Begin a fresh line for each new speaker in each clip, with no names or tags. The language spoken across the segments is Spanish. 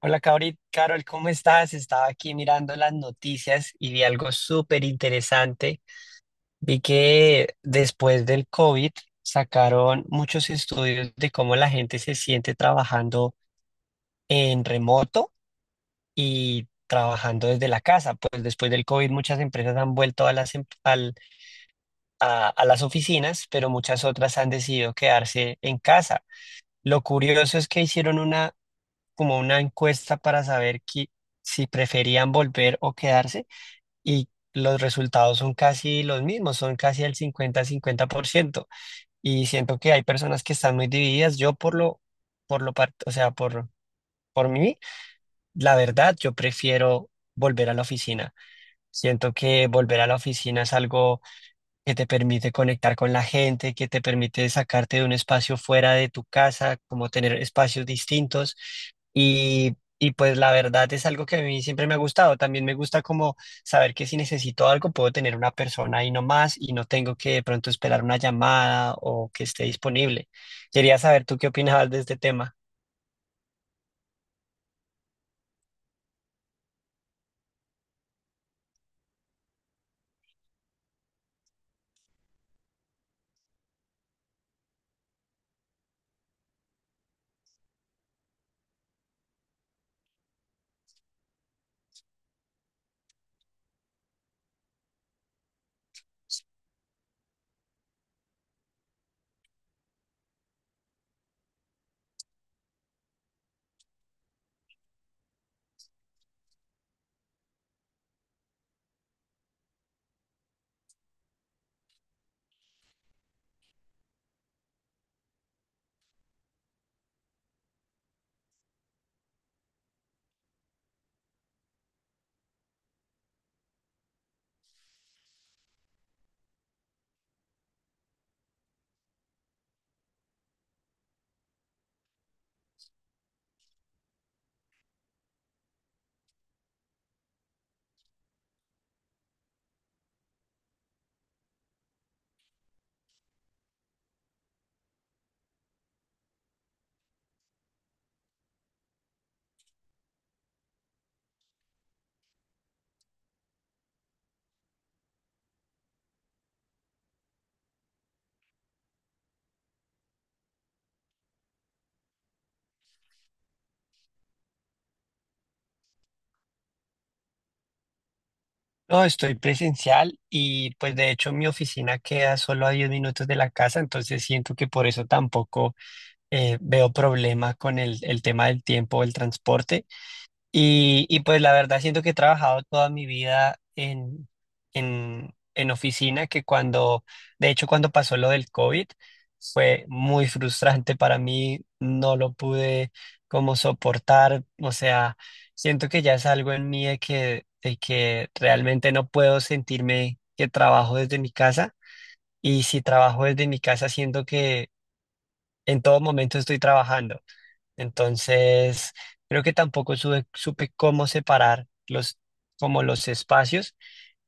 Hola, Carol, ¿cómo estás? Estaba aquí mirando las noticias y vi algo súper interesante. Vi que después del COVID sacaron muchos estudios de cómo la gente se siente trabajando en remoto y trabajando desde la casa. Pues después del COVID muchas empresas han vuelto a las, em- al- a las oficinas, pero muchas otras han decidido quedarse en casa. Lo curioso es que hicieron una encuesta para saber si preferían volver o quedarse, y los resultados son casi los mismos, son casi el 50-50%. Y siento que hay personas que están muy divididas. Yo, o sea, por mí, la verdad, yo prefiero volver a la oficina. Siento que volver a la oficina es algo que te permite conectar con la gente, que te permite sacarte de un espacio fuera de tu casa, como tener espacios distintos. Y pues la verdad es algo que a mí siempre me ha gustado. También me gusta como saber que si necesito algo puedo tener una persona ahí nomás y no tengo que de pronto esperar una llamada o que esté disponible. Quería saber tú qué opinabas de este tema. No, estoy presencial y pues de hecho mi oficina queda solo a 10 minutos de la casa, entonces siento que por eso tampoco veo problemas con el tema del tiempo, el transporte. Y pues la verdad siento que he trabajado toda mi vida en oficina, que de hecho cuando pasó lo del COVID, fue muy frustrante para mí, no lo pude como soportar, o sea, siento que ya es algo en mí de que, realmente no puedo sentirme que trabajo desde mi casa. Y si trabajo desde mi casa, siento que en todo momento estoy trabajando. Entonces, creo que tampoco supe cómo separar los espacios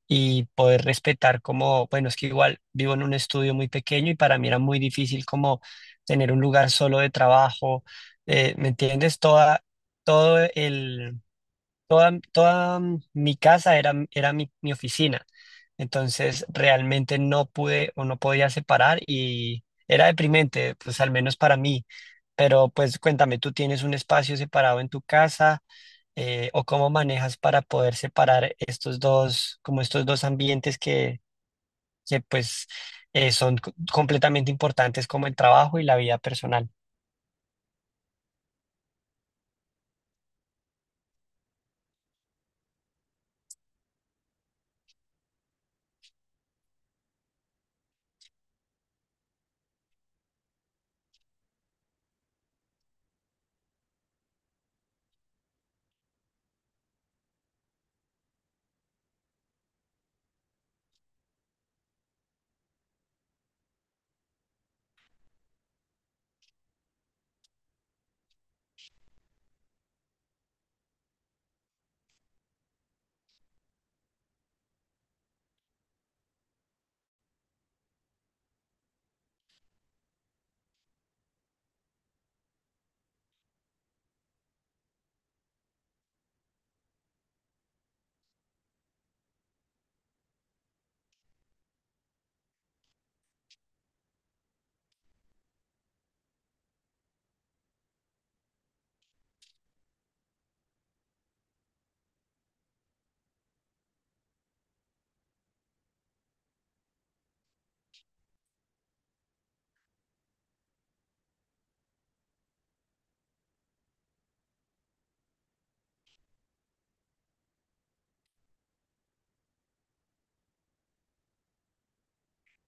y poder respetar como, bueno, es que igual vivo en un estudio muy pequeño y para mí era muy difícil como tener un lugar solo de trabajo, ¿me entiendes? Todo el, toda mi casa era mi oficina. Entonces realmente no pude o no podía separar y era deprimente, pues al menos para mí. Pero pues cuéntame, ¿tú tienes un espacio separado en tu casa, o cómo manejas para poder separar estos dos, como estos dos ambientes que pues son completamente importantes, como el trabajo y la vida personal?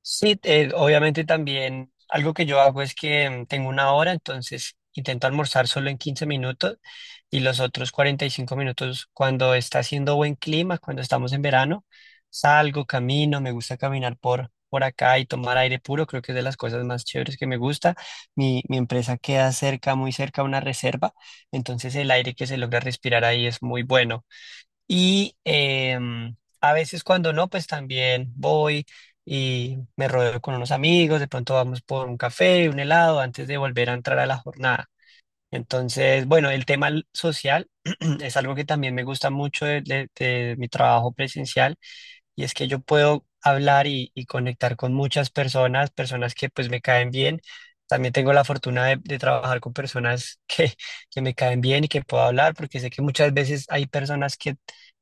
Sí, obviamente también algo que yo hago es que tengo una hora, entonces intento almorzar solo en 15 minutos y los otros 45 minutos, cuando está haciendo buen clima, cuando estamos en verano, salgo, camino, me gusta caminar por acá y tomar aire puro, creo que es de las cosas más chéveres que me gusta. Mi empresa queda cerca, muy cerca a una reserva, entonces el aire que se logra respirar ahí es muy bueno. Y a veces cuando no, pues también voy y me rodeo con unos amigos, de pronto vamos por un café, un helado, antes de volver a entrar a la jornada. Entonces, bueno, el tema social es algo que también me gusta mucho de mi trabajo presencial, y es que yo puedo hablar y conectar con muchas personas, que pues me caen bien. También tengo la fortuna de trabajar con personas que me caen bien y que puedo hablar, porque sé que muchas veces hay personas que,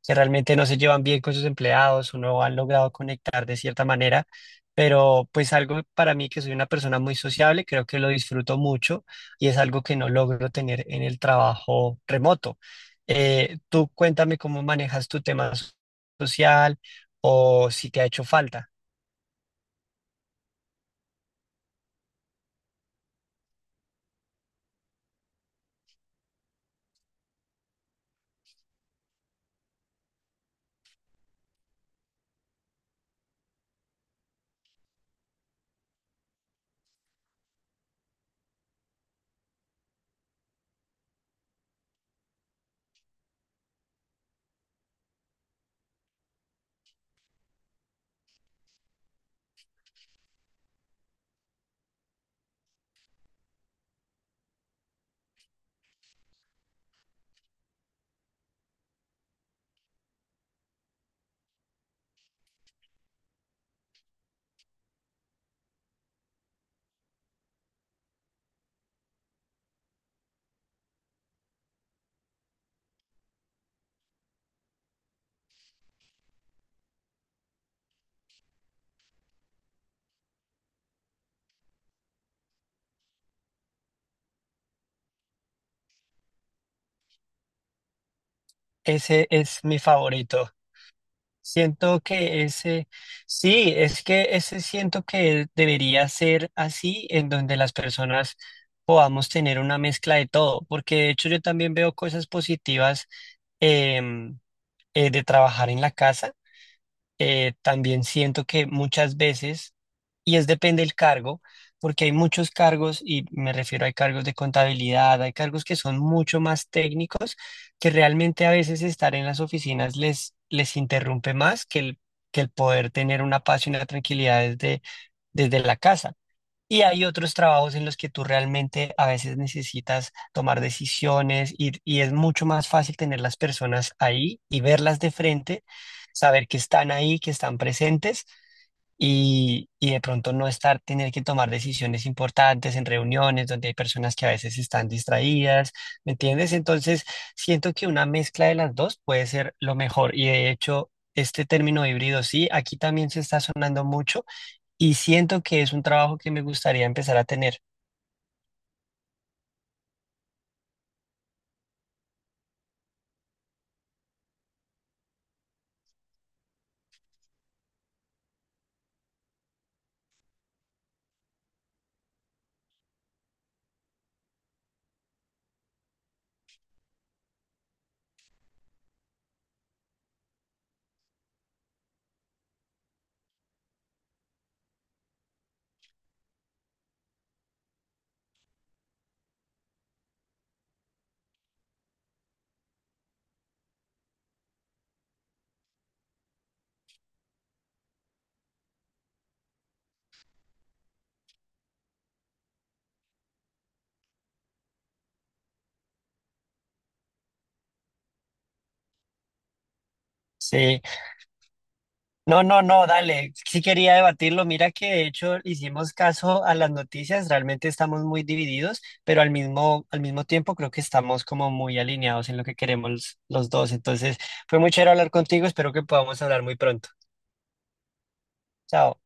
que realmente no se llevan bien con sus empleados o no han logrado conectar de cierta manera, pero pues algo para mí que soy una persona muy sociable, creo que lo disfruto mucho, y es algo que no logro tener en el trabajo remoto. Tú cuéntame cómo manejas tu tema social o si te ha hecho falta. Ese es mi favorito. Siento que ese, sí, es que ese siento que debería ser así, en donde las personas podamos tener una mezcla de todo, porque de hecho yo también veo cosas positivas em, de trabajar en la casa. También siento que muchas veces, y es depende del cargo, porque hay muchos cargos, y me refiero a cargos de contabilidad, hay cargos que son mucho más técnicos, que realmente a veces estar en las oficinas les interrumpe más que el poder tener una paz y una tranquilidad desde la casa. Y hay otros trabajos en los que tú realmente a veces necesitas tomar decisiones, y es mucho más fácil tener las personas ahí y verlas de frente, saber que están ahí, que están presentes, y de pronto no estar, tener que tomar decisiones importantes en reuniones donde hay personas que a veces están distraídas, ¿me entiendes? Entonces, siento que una mezcla de las dos puede ser lo mejor y, de hecho, este término híbrido, sí, aquí también se está sonando mucho, y siento que es un trabajo que me gustaría empezar a tener. Sí, no, no, no, dale, sí quería debatirlo. Mira que de hecho hicimos caso a las noticias, realmente estamos muy divididos, pero al mismo tiempo creo que estamos como muy alineados en lo que queremos los dos. Entonces, fue muy chévere hablar contigo, espero que podamos hablar muy pronto. Chao.